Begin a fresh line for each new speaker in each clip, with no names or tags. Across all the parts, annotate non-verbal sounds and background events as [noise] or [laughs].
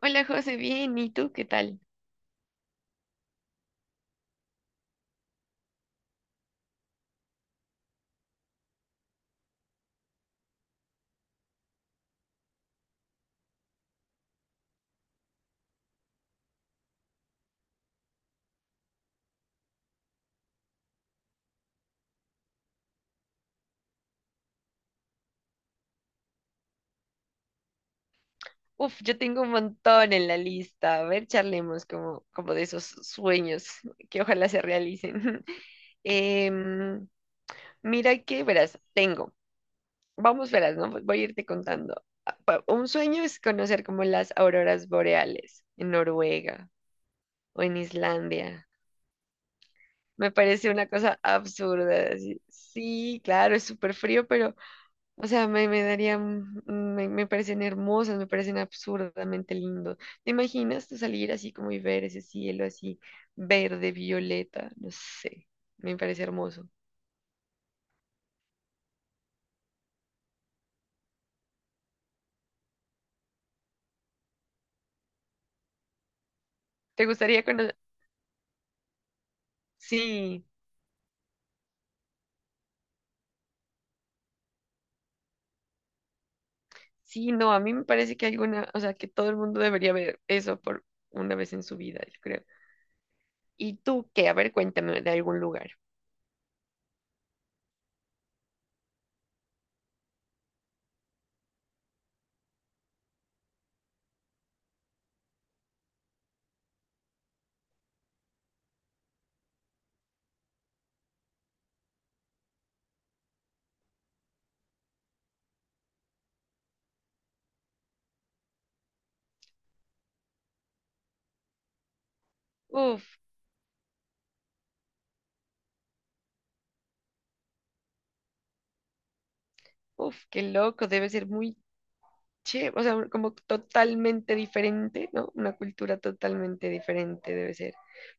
Hola José, bien, ¿y tú qué tal? Uf, yo tengo un montón en la lista. A ver, charlemos como de esos sueños que ojalá se realicen. [laughs] Em, mira que, verás, tengo. Vamos, verás, ¿no? Voy a irte contando. Un sueño es conocer como las auroras boreales en Noruega o en Islandia. Me parece una cosa absurda. Así. Sí, claro, es súper frío, pero o sea, me daría, me parecen hermosas, me parecen absurdamente lindos. ¿Te imaginas tú salir así como y ver ese cielo así verde, violeta? No sé, me parece hermoso. ¿Te gustaría conocer? Sí, sí, no, a mí me parece que alguna, o sea, que todo el mundo debería ver eso por una vez en su vida, yo creo. ¿Y tú qué? A ver, cuéntame de algún lugar. Uf, uf, qué loco, debe ser muy che, o sea, como totalmente diferente, ¿no? Una cultura totalmente diferente debe ser,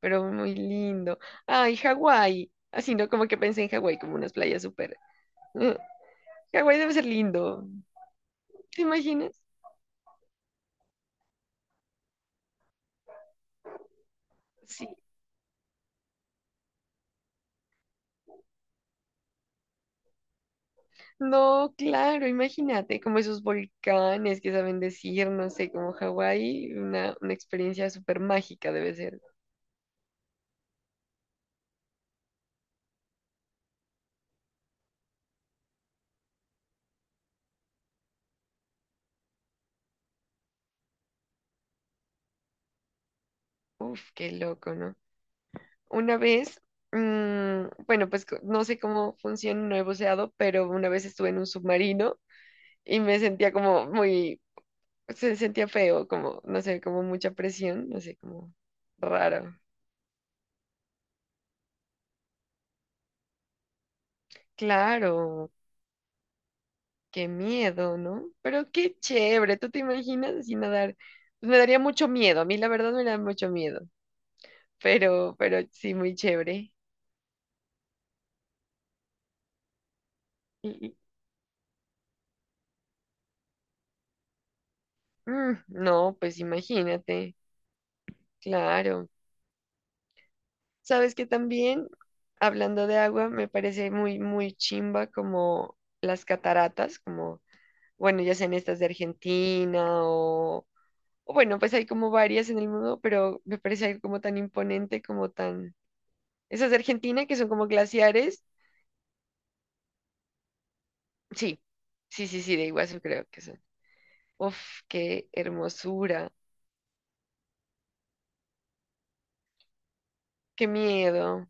pero muy lindo. Ay, Hawái, así, ¿no? Como que pensé en Hawái como unas playas súper. eh, Hawái debe ser lindo, ¿te imaginas? Sí. No, claro, imagínate, como esos volcanes que saben decir, no sé, como Hawái, una experiencia súper mágica debe ser. Uf, qué loco, ¿no? Una vez, bueno, pues no sé cómo funciona, no he buceado, pero una vez estuve en un submarino y me sentía como muy, se sentía feo, como, no sé, como mucha presión, no sé, como raro. Claro, qué miedo, ¿no? Pero qué chévere, ¿tú te imaginas así nadar? Pues me daría mucho miedo, a mí la verdad me da mucho miedo, pero sí, muy chévere. Y- y- no, pues imagínate, claro. Sabes que también, hablando de agua, me parece muy chimba como las cataratas, como, bueno, ya sean estas de Argentina o bueno, pues hay como varias en el mundo, pero me parece algo como tan imponente, como tan... Esas de Argentina que son como glaciares, sí, sí, sí, sí, de Iguazú creo que son. Uf, qué hermosura, qué miedo.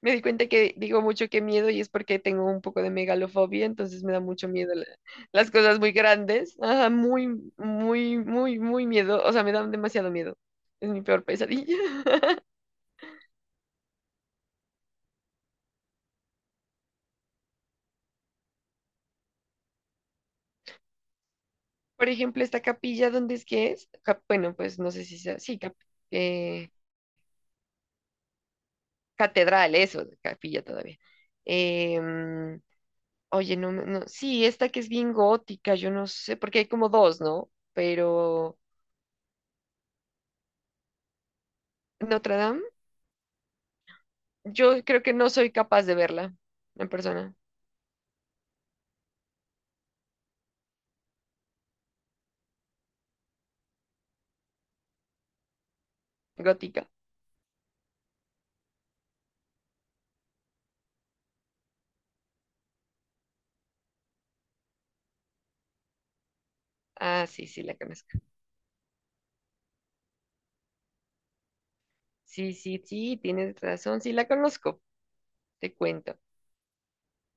Me di cuenta que digo mucho que miedo y es porque tengo un poco de megalofobia, entonces me da mucho miedo las cosas muy grandes. Ajá, muy, muy, muy miedo. O sea, me dan demasiado miedo. Es mi peor pesadilla. [laughs] Por ejemplo, esta capilla, ¿dónde es que es? Bueno, pues no sé si sea, sí, eh, catedral, eso, capilla todavía. Eh, mm, oye, no, no, sí, esta que es bien gótica, yo no sé, porque hay como dos, ¿no? Pero Notre Dame. Yo creo que no soy capaz de verla en persona. Gótica. Ah, sí, sí, la conozco. Sí, sí, sí, tienes razón, sí, la conozco, te cuento.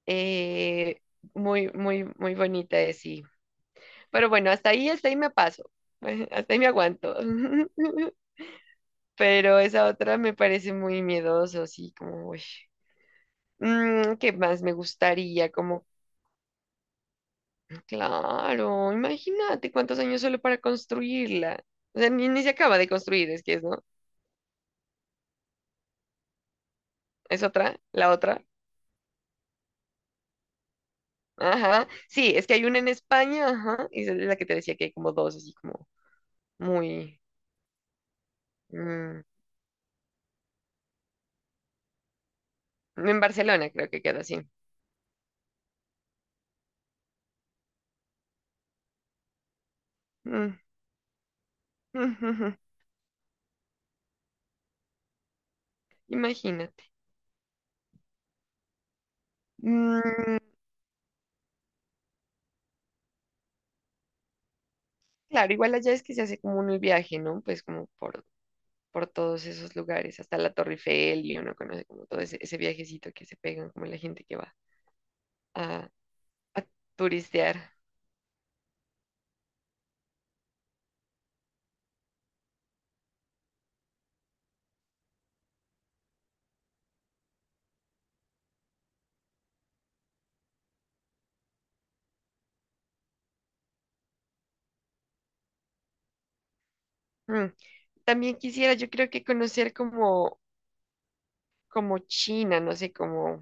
Eh, muy, muy bonita es, sí. Pero bueno, hasta ahí me paso. [laughs] Hasta ahí me aguanto. [laughs] Pero esa otra me parece muy miedoso, sí, como, uy. Mm, ¿qué más me gustaría? Como, claro, imagínate cuántos años solo para construirla. O sea, ni se acaba de construir, es que es, ¿no? ¿Es otra? ¿La otra? Ajá. Sí, es que hay una en España, ajá. Y esa es la que te decía que hay como dos, así como muy... Mm, en Barcelona creo que queda así. Mm, ujujú, imagínate. Mm, claro, igual allá es que se hace como un viaje, ¿no? Pues como por todos esos lugares, hasta la Torre Eiffel y uno conoce como todo ese viajecito que se pegan, como la gente que va a, a turistear. Mm. También quisiera, yo creo que conocer como, como China, no sé, como...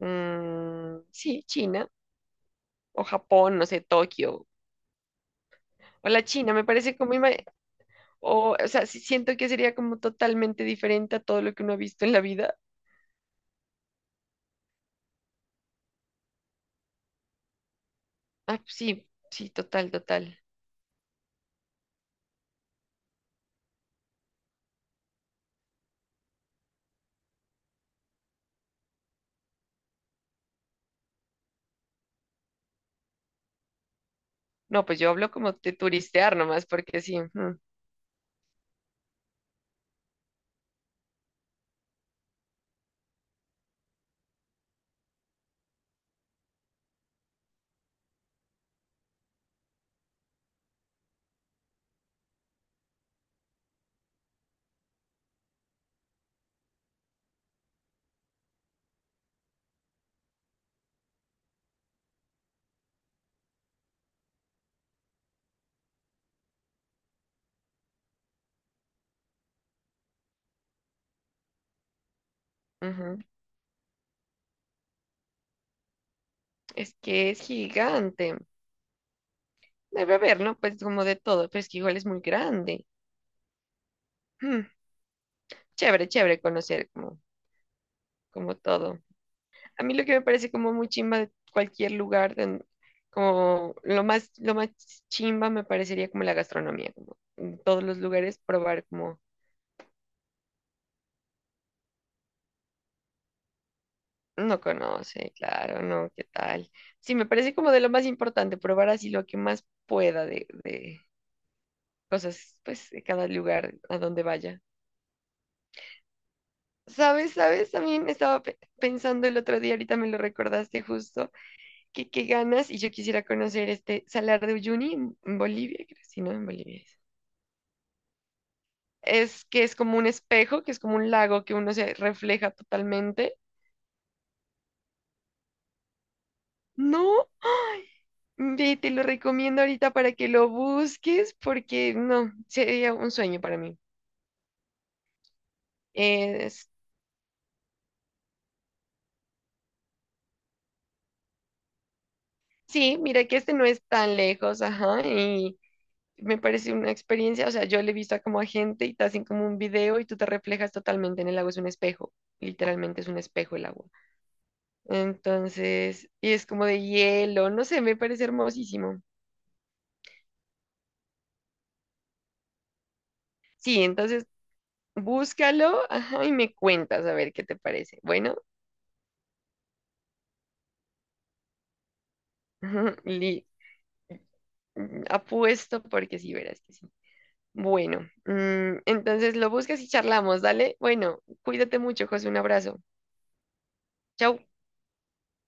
Mm, sí, China o Japón, no sé, Tokio o la China, me parece como, o sea, sí siento que sería como totalmente diferente a todo lo que uno ha visto en la vida. Ah, pues sí, sí, total, total. No, pues yo hablo como de turistear nomás, porque sí, ujú, ujú. Es que es gigante. Debe haber, ¿no? Pues como de todo, pero es que igual es muy grande. Mm, chévere, chévere conocer como, como todo. A mí lo que me parece como muy chimba de cualquier lugar, como lo más chimba me parecería como la gastronomía, como en todos los lugares probar como no conoce, claro, no, qué tal. Sí, me parece como de lo más importante, probar así lo que más pueda de cosas, pues, de cada lugar a donde vaya. ¿Sabes? ¿Sabes? También estaba pensando el otro día, ahorita me lo recordaste justo, que qué ganas y yo quisiera conocer este Salar de Uyuni en Bolivia, creo, sí, ¿no? En Bolivia. Es que es como un espejo, que es como un lago que uno se refleja totalmente. No, ve, te lo recomiendo ahorita para que lo busques porque no, sería un sueño para mí. Es, sí, mira que este no es tan lejos, ajá, y me parece una experiencia, o sea, yo le he visto a como a gente y te hacen como un video y tú te reflejas totalmente en el lago, es un espejo, literalmente es un espejo el agua. Entonces, y es como de hielo, no sé, me parece hermosísimo. Sí, entonces búscalo, ajá, y me cuentas a ver qué te parece. Bueno, [laughs] li- mm, apuesto porque sí, verás que sí. Bueno, mm, entonces lo buscas y charlamos, dale. Bueno, cuídate mucho, José, un abrazo. Chau.